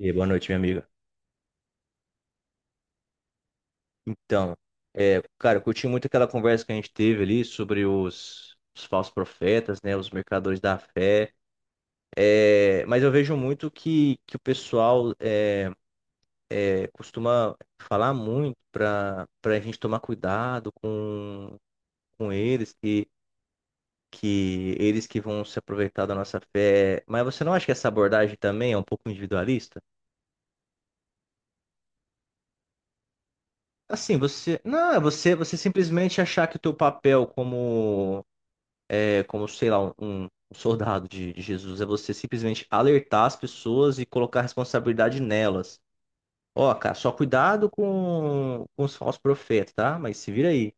E aí, boa noite, minha amiga. Então, cara, eu curti muito aquela conversa que a gente teve ali sobre os falsos profetas, né, os mercadores da fé. É, mas eu vejo muito que o pessoal costuma falar muito para a gente tomar cuidado com eles, que eles que vão se aproveitar da nossa fé. Mas você não acha que essa abordagem também é um pouco individualista? Assim, você, não, é você, você simplesmente achar que o teu papel como é como, sei lá, um soldado de Jesus. É você simplesmente alertar as pessoas e colocar a responsabilidade nelas. Ó, cara, só cuidado com os falsos profetas, tá? Mas se vira aí.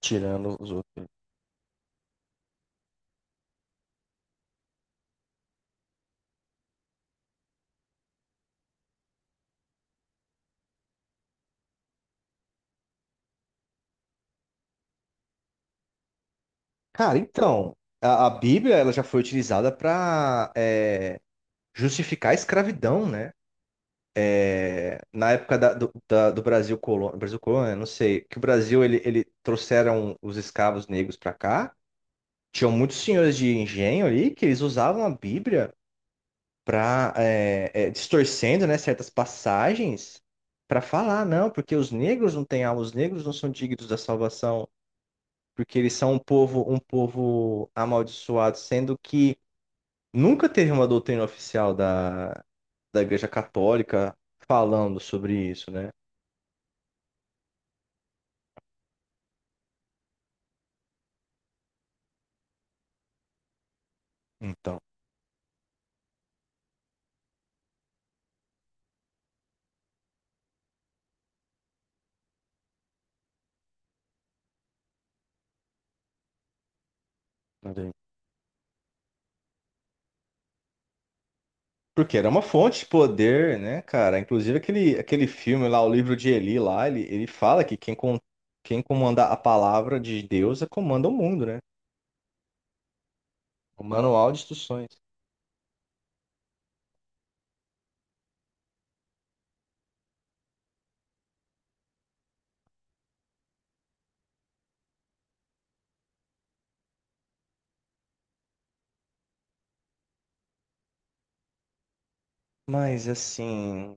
Tirando os outros. Cara, então, a Bíblia ela já foi utilizada para justificar a escravidão, né? Na época do Brasil colônia, não sei, que o Brasil, ele trouxeram os escravos negros para cá. Tinham muitos senhores de engenho ali que eles usavam a Bíblia pra, distorcendo, né, certas passagens para falar, não, porque os negros não têm alma, os negros não são dignos da salvação, porque eles são um povo amaldiçoado, sendo que nunca teve uma doutrina oficial da Igreja Católica falando sobre isso, né? Então, olha aí. Porque era uma fonte de poder, né, cara? Inclusive aquele filme lá, o livro de Eli lá, ele fala que quem, com quem comanda a palavra de Deus comanda o mundo, né? O manual de instruções. Mas assim,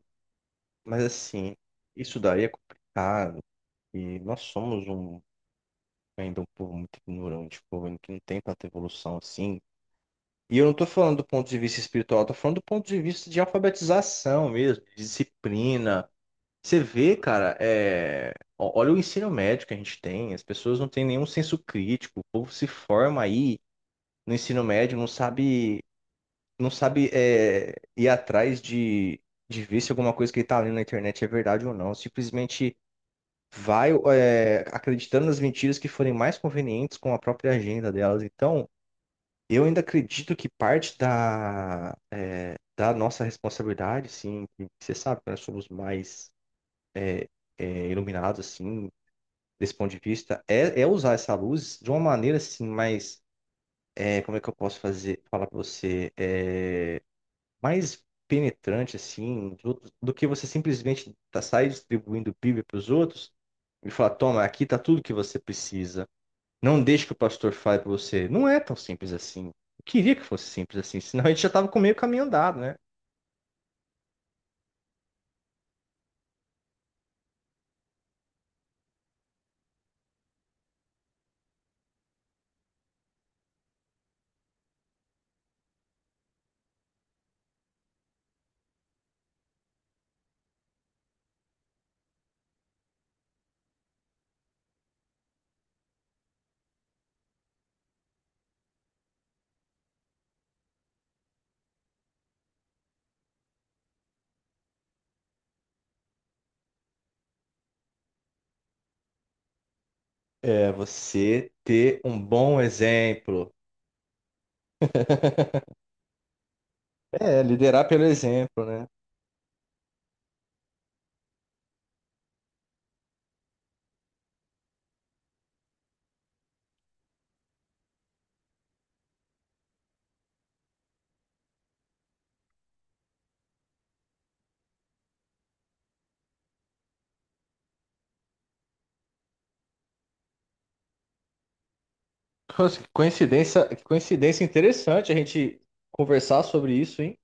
mas assim, isso daí é complicado. E nós somos um ainda um povo muito ignorante, um povo que não tem tanta evolução assim. E eu não estou falando do ponto de vista espiritual, eu tô falando do ponto de vista de alfabetização mesmo, de disciplina. Você vê, cara, é... o- olha o ensino médio que a gente tem, as pessoas não têm nenhum senso crítico, o povo se forma aí no ensino médio, não sabe. Não sabe ir atrás de ver se alguma coisa que ele tá lendo na internet é verdade ou não. Simplesmente vai acreditando nas mentiras que forem mais convenientes com a própria agenda delas. Então, eu ainda acredito que parte da nossa responsabilidade, sim, que você sabe que nós somos mais é, iluminados, assim, desse ponto de vista, é usar essa luz de uma maneira, assim, mais... como é que eu posso fazer, falar pra você? Mais penetrante, assim, dos outros, do que você simplesmente tá, sair distribuindo Bíblia para os outros e falar, toma, aqui tá tudo que você precisa. Não deixe que o pastor fale para você. Não é tão simples assim. Eu queria que fosse simples assim, senão a gente já tava com meio caminho andado, né? É você ter um bom exemplo. É, liderar pelo exemplo, né? Nossa, que coincidência, que coincidência interessante a gente conversar sobre isso, hein?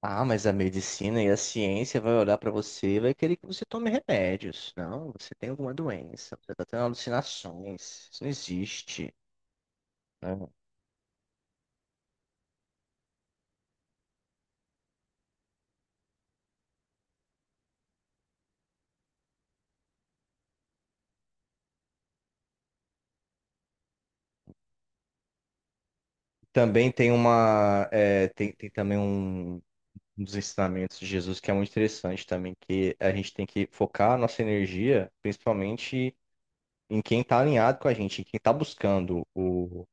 Ah, mas a medicina e a ciência vai olhar para você e vai querer que você tome remédios. Não, você tem alguma doença, você está tendo alucinações. Isso não existe. Né? Também tem uma, é, tem, tem também um dos ensinamentos de Jesus que é muito interessante também, que a gente tem que focar a nossa energia, principalmente em quem está alinhado com a gente, em quem está buscando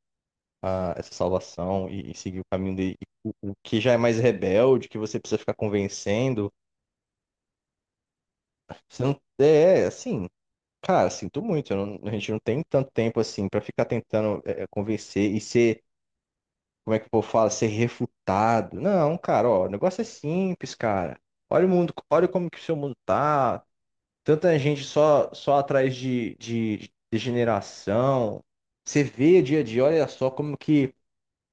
a- essa salvação e seguir o caminho dele. O que já é mais rebelde, que você precisa ficar convencendo. Você não, é, é, assim, cara, sinto muito. Eu não- a gente não tem tanto tempo assim pra ficar tentando convencer e ser, como é que o povo fala, ser refutado. Não, cara, ó, o negócio é simples, cara. Olha o mundo, olha como que o seu mundo tá. Tanta gente só, só atrás de degeneração. Você vê dia a dia, olha só como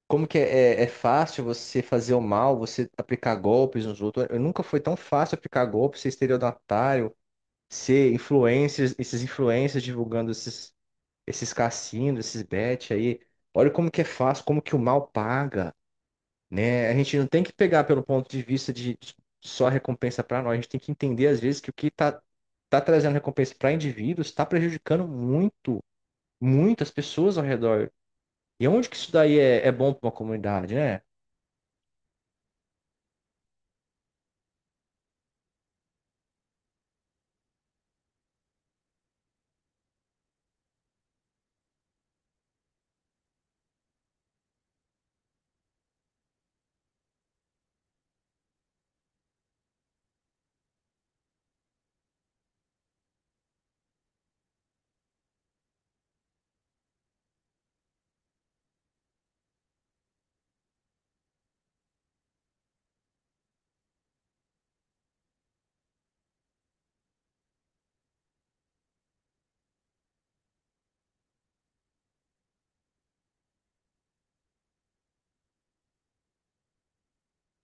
como que é fácil você fazer o mal, você aplicar golpes nos outros. Nunca foi tão fácil aplicar golpes, ser estelionatário ser influencers, esses influencers divulgando esses cassinos, esses bets aí. Olha como que é fácil, como que o mal paga, né? A gente não tem que pegar pelo ponto de vista de só recompensa para nós. A gente tem que entender às vezes que o que tá trazendo recompensa para indivíduos está prejudicando muito, muitas pessoas ao redor. E onde que isso daí é bom para uma comunidade, né?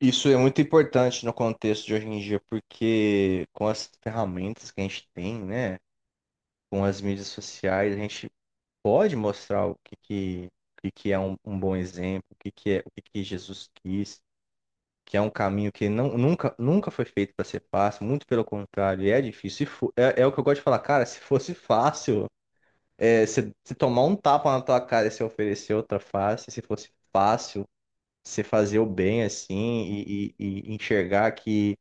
Isso é muito importante no contexto de hoje em dia, porque com as ferramentas que a gente tem, né, com as mídias sociais, a gente pode mostrar o que que é um, um bom exemplo, o que que Jesus quis, que é um caminho que nunca foi feito para ser fácil, muito pelo contrário, é difícil. Se fo- é, é o que eu gosto de falar, cara, se fosse fácil, se tomar um tapa na tua cara e se oferecer outra face, se fosse fácil, você fazer o bem assim e enxergar que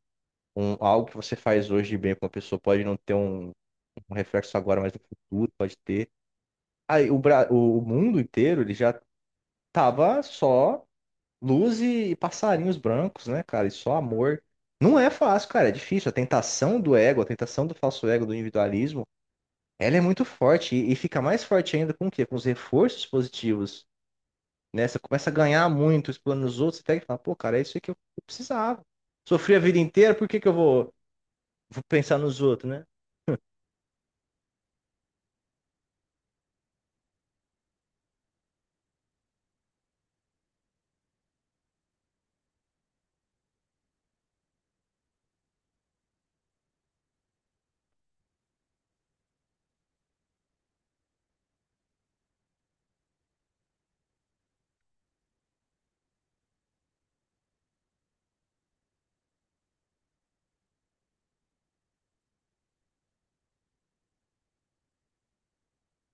um, algo que você faz hoje de bem com uma pessoa pode não ter um reflexo agora, mas no futuro pode ter. Aí, o, Bra- o mundo inteiro ele já tava só luz e passarinhos brancos, né, cara? E só amor. Não é fácil, cara, é difícil. A tentação do ego, a tentação do falso ego, do individualismo, ela é muito forte e fica mais forte ainda com o quê? Com os reforços positivos, né? Você começa a ganhar muito, explorando os outros, você pega e fala, pô, cara, é isso aí que eu precisava. Sofri a vida inteira, por que que eu vou pensar nos outros, né?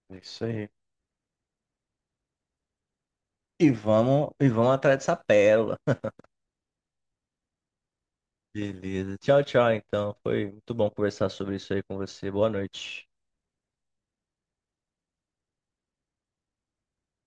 É isso aí. E vamos atrás dessa pérola. Beleza. Tchau, tchau, então. Foi muito bom conversar sobre isso aí com você. Boa noite.